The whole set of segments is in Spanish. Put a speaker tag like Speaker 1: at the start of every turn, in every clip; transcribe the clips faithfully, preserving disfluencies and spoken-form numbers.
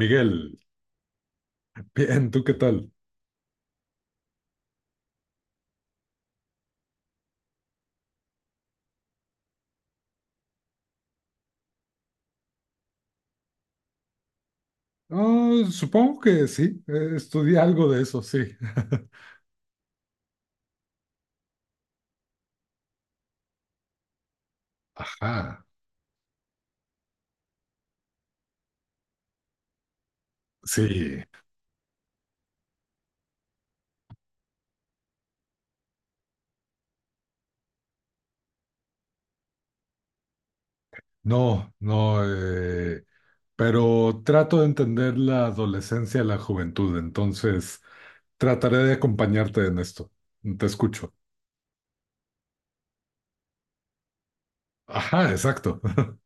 Speaker 1: Miguel, bien, ¿tú qué tal? Ah, supongo que sí, eh, estudié algo de eso, sí. Ajá, sí, no, no, eh, pero trato de entender la adolescencia y la juventud, entonces trataré de acompañarte en esto. Te escucho. Ajá, exacto.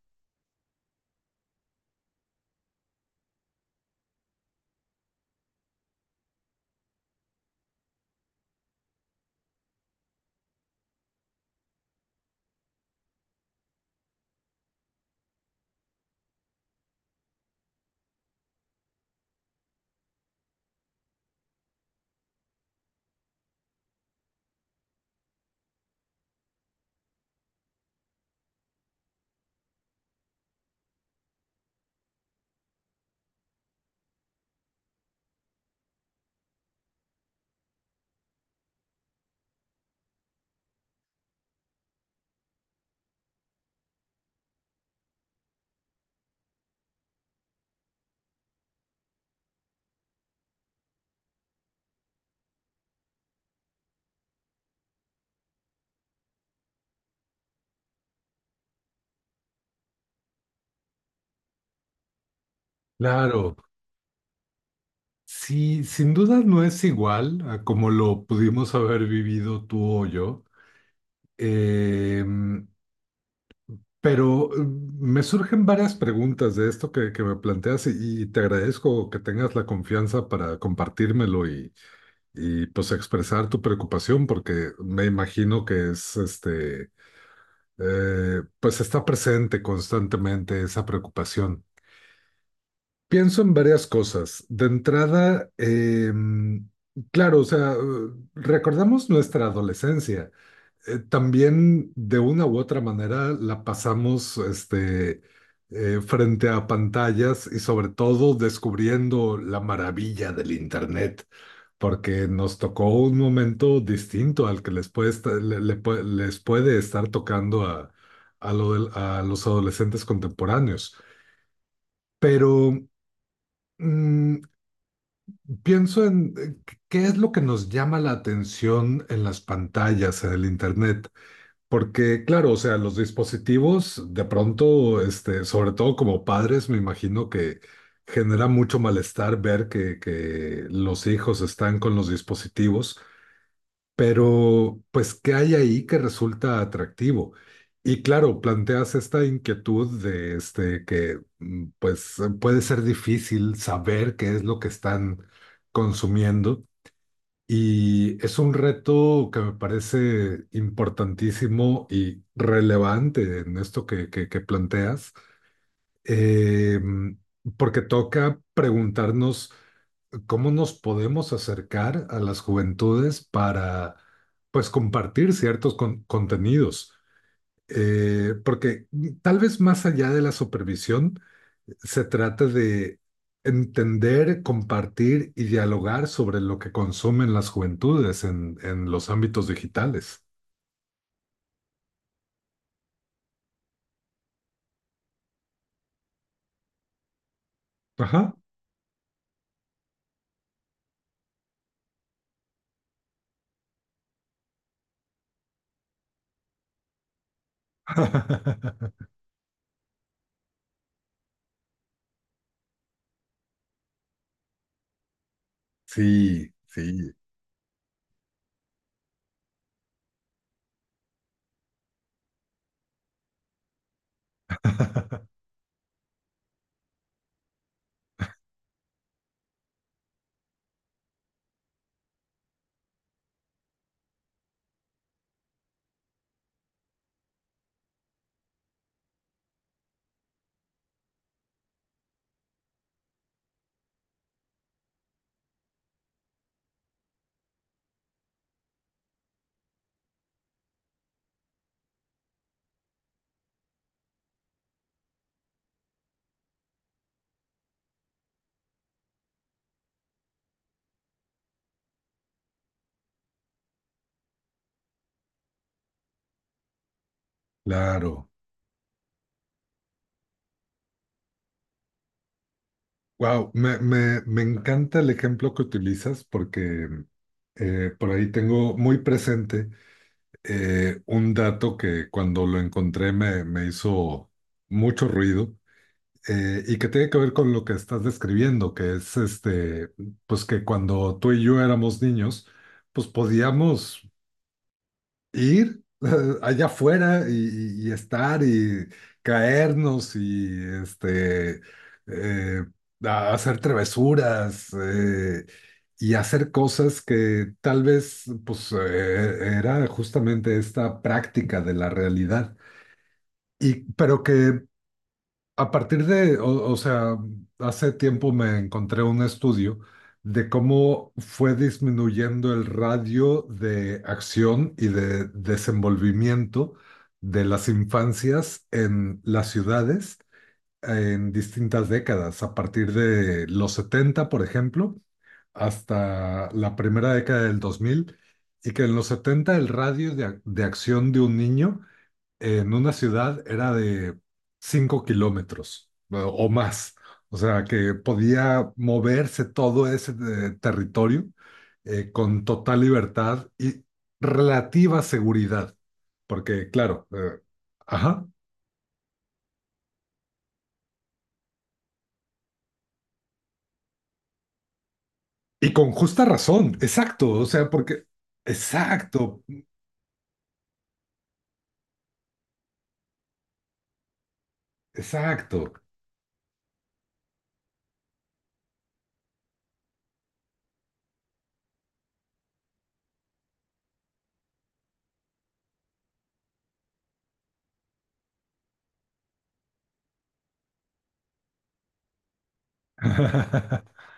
Speaker 1: Claro, sí, sin duda no es igual a como lo pudimos haber vivido tú o yo. Em, Pero eh, me surgen varias preguntas de esto que, que me planteas y, y te agradezco que tengas la confianza para compartírmelo y, y, pues expresar tu preocupación porque me imagino que es este, eh, pues está presente constantemente esa preocupación. Pienso en varias cosas. De entrada, em, claro, o sea, eh, recordamos nuestra adolescencia eh, también de una u otra manera la pasamos este, eh, frente a pantallas y sobre todo descubriendo la maravilla del Internet, porque nos tocó un momento distinto al que les puede, esta- le- le pue- les puede estar tocando a, a lo del- a los adolescentes contemporáneos. Pero mm, pienso en eh, qué es lo que nos llama la atención en las pantallas, en el Internet. Porque, claro, o sea, los dispositivos de pronto, este, sobre todo como padres, me imagino que genera mucho malestar ver que, que los hijos están con los dispositivos, pero pues, ¿qué hay ahí que resulta atractivo? Y claro, planteas esta inquietud de este, que mm, pues puede ser difícil saber qué es lo que están consumiendo. Y es un reto que me parece importantísimo y relevante en esto que, que- que planteas, eh, porque toca preguntarnos cómo nos podemos acercar a las juventudes para, pues, compartir ciertos con- contenidos. Eh, porque tal vez más allá de la supervisión, se trata de entender, compartir y dialogar sobre lo que consumen las juventudes en, en los ámbitos digitales. Ajá. Sí, sí, claro. Wow, me, me, me encanta el ejemplo que utilizas porque eh, por ahí tengo muy presente eh, un dato que cuando lo encontré me, me hizo mucho ruido eh, y que tiene que ver con lo que estás describiendo, que es este, pues que cuando tú y yo éramos niños, pues podíamos ir allá afuera y, y- y estar y caernos y este, eh, a- hacer travesuras eh, y hacer cosas que tal vez, pues eh, era justamente esta práctica de la realidad. Y, pero que a partir de, o, o sea, hace tiempo me encontré un estudio de cómo fue disminuyendo el radio de acción y de desenvolvimiento de las infancias en las ciudades en distintas décadas, a partir de los setenta, por ejemplo, hasta la primera década del dos mil, y que en los setenta el radio de, ac- de acción de un niño en una ciudad era de cinco kilómetros o o más. O sea, que podía moverse todo ese eh, territorio eh, con total libertad y relativa seguridad. Porque, claro, eh, ajá. Y con justa razón, exacto. O sea, porque, exacto, exacto.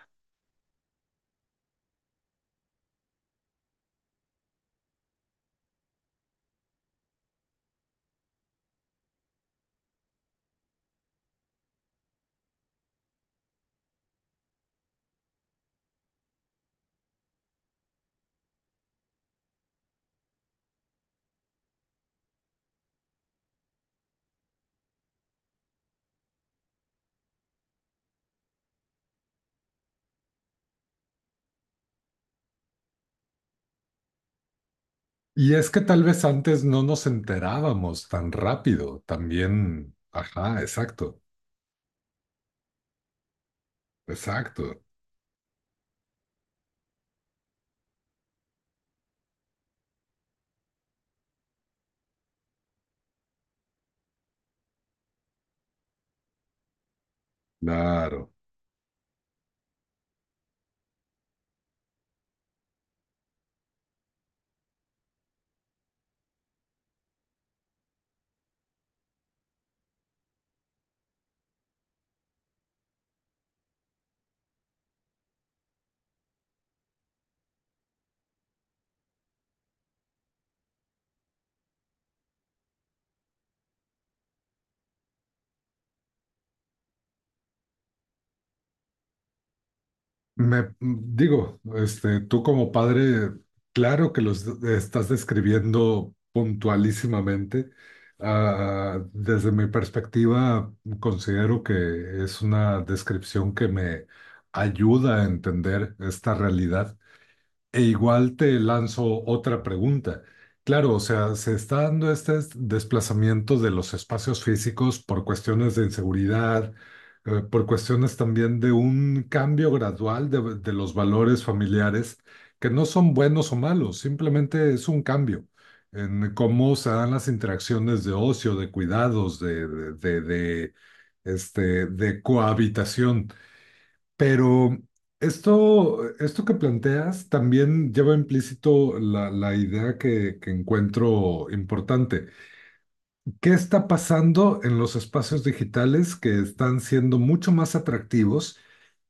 Speaker 1: Y es que tal vez antes no nos enterábamos tan rápido, también, ajá, exacto, exacto. Claro. Me digo, este, tú como padre, claro que los estás describiendo puntualísimamente. Ah, desde mi perspectiva, considero que es una descripción que me ayuda a entender esta realidad. E igual te lanzo otra pregunta. Claro, o sea, se está dando este es- desplazamiento de los espacios físicos por cuestiones de inseguridad, eh, por cuestiones también de un cambio gradual de, de los valores familiares, que no son buenos o malos, simplemente es un cambio en cómo se dan las interacciones de ocio, de cuidados, de, de, de, de, este, de cohabitación. Pero esto, esto que planteas también lleva implícito la, la idea que, que encuentro importante. ¿Qué está pasando en los espacios digitales que están siendo mucho más atractivos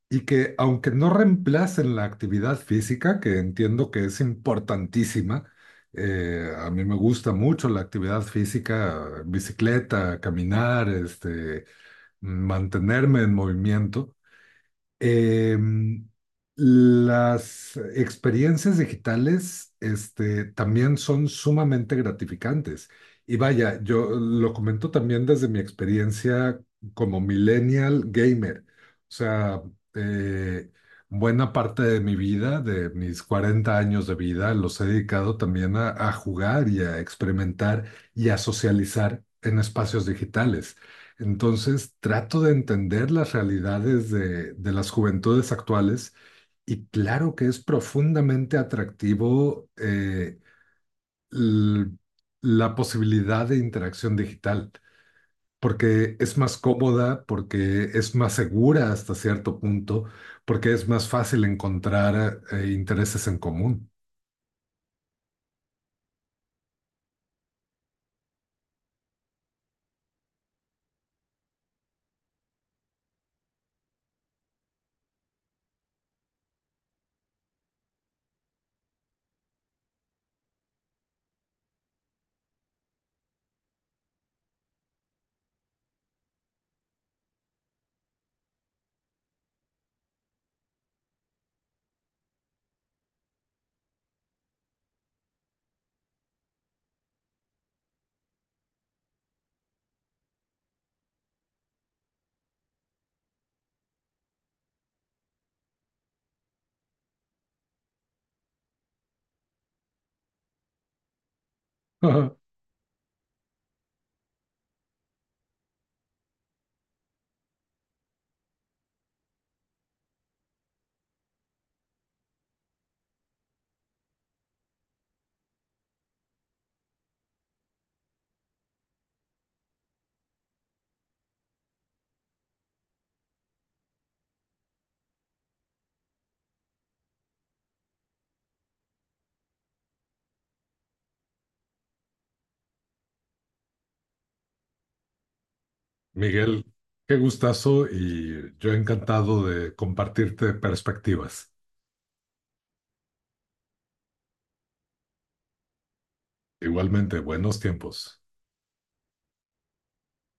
Speaker 1: y que, aunque no reemplacen la actividad física, que entiendo que es importantísima, eh, a mí me gusta mucho la actividad física, bicicleta, caminar, este, mantenerme en movimiento. Em, las experiencias digitales, este, también son sumamente gratificantes. Y vaya, yo lo comento también desde mi experiencia como millennial gamer. O sea, eh, buena parte de mi vida, de mis cuarenta años de vida, los he dedicado también a a jugar y a experimentar y a socializar en espacios digitales. Entonces trato de entender las realidades de, de las juventudes actuales y claro que es profundamente atractivo eh, l- la posibilidad de interacción digital, porque es más cómoda, porque es más segura hasta cierto punto, porque es más fácil encontrar eh, intereses en común. Miguel, qué gustazo y yo encantado de compartirte perspectivas. Igualmente, buenos tiempos.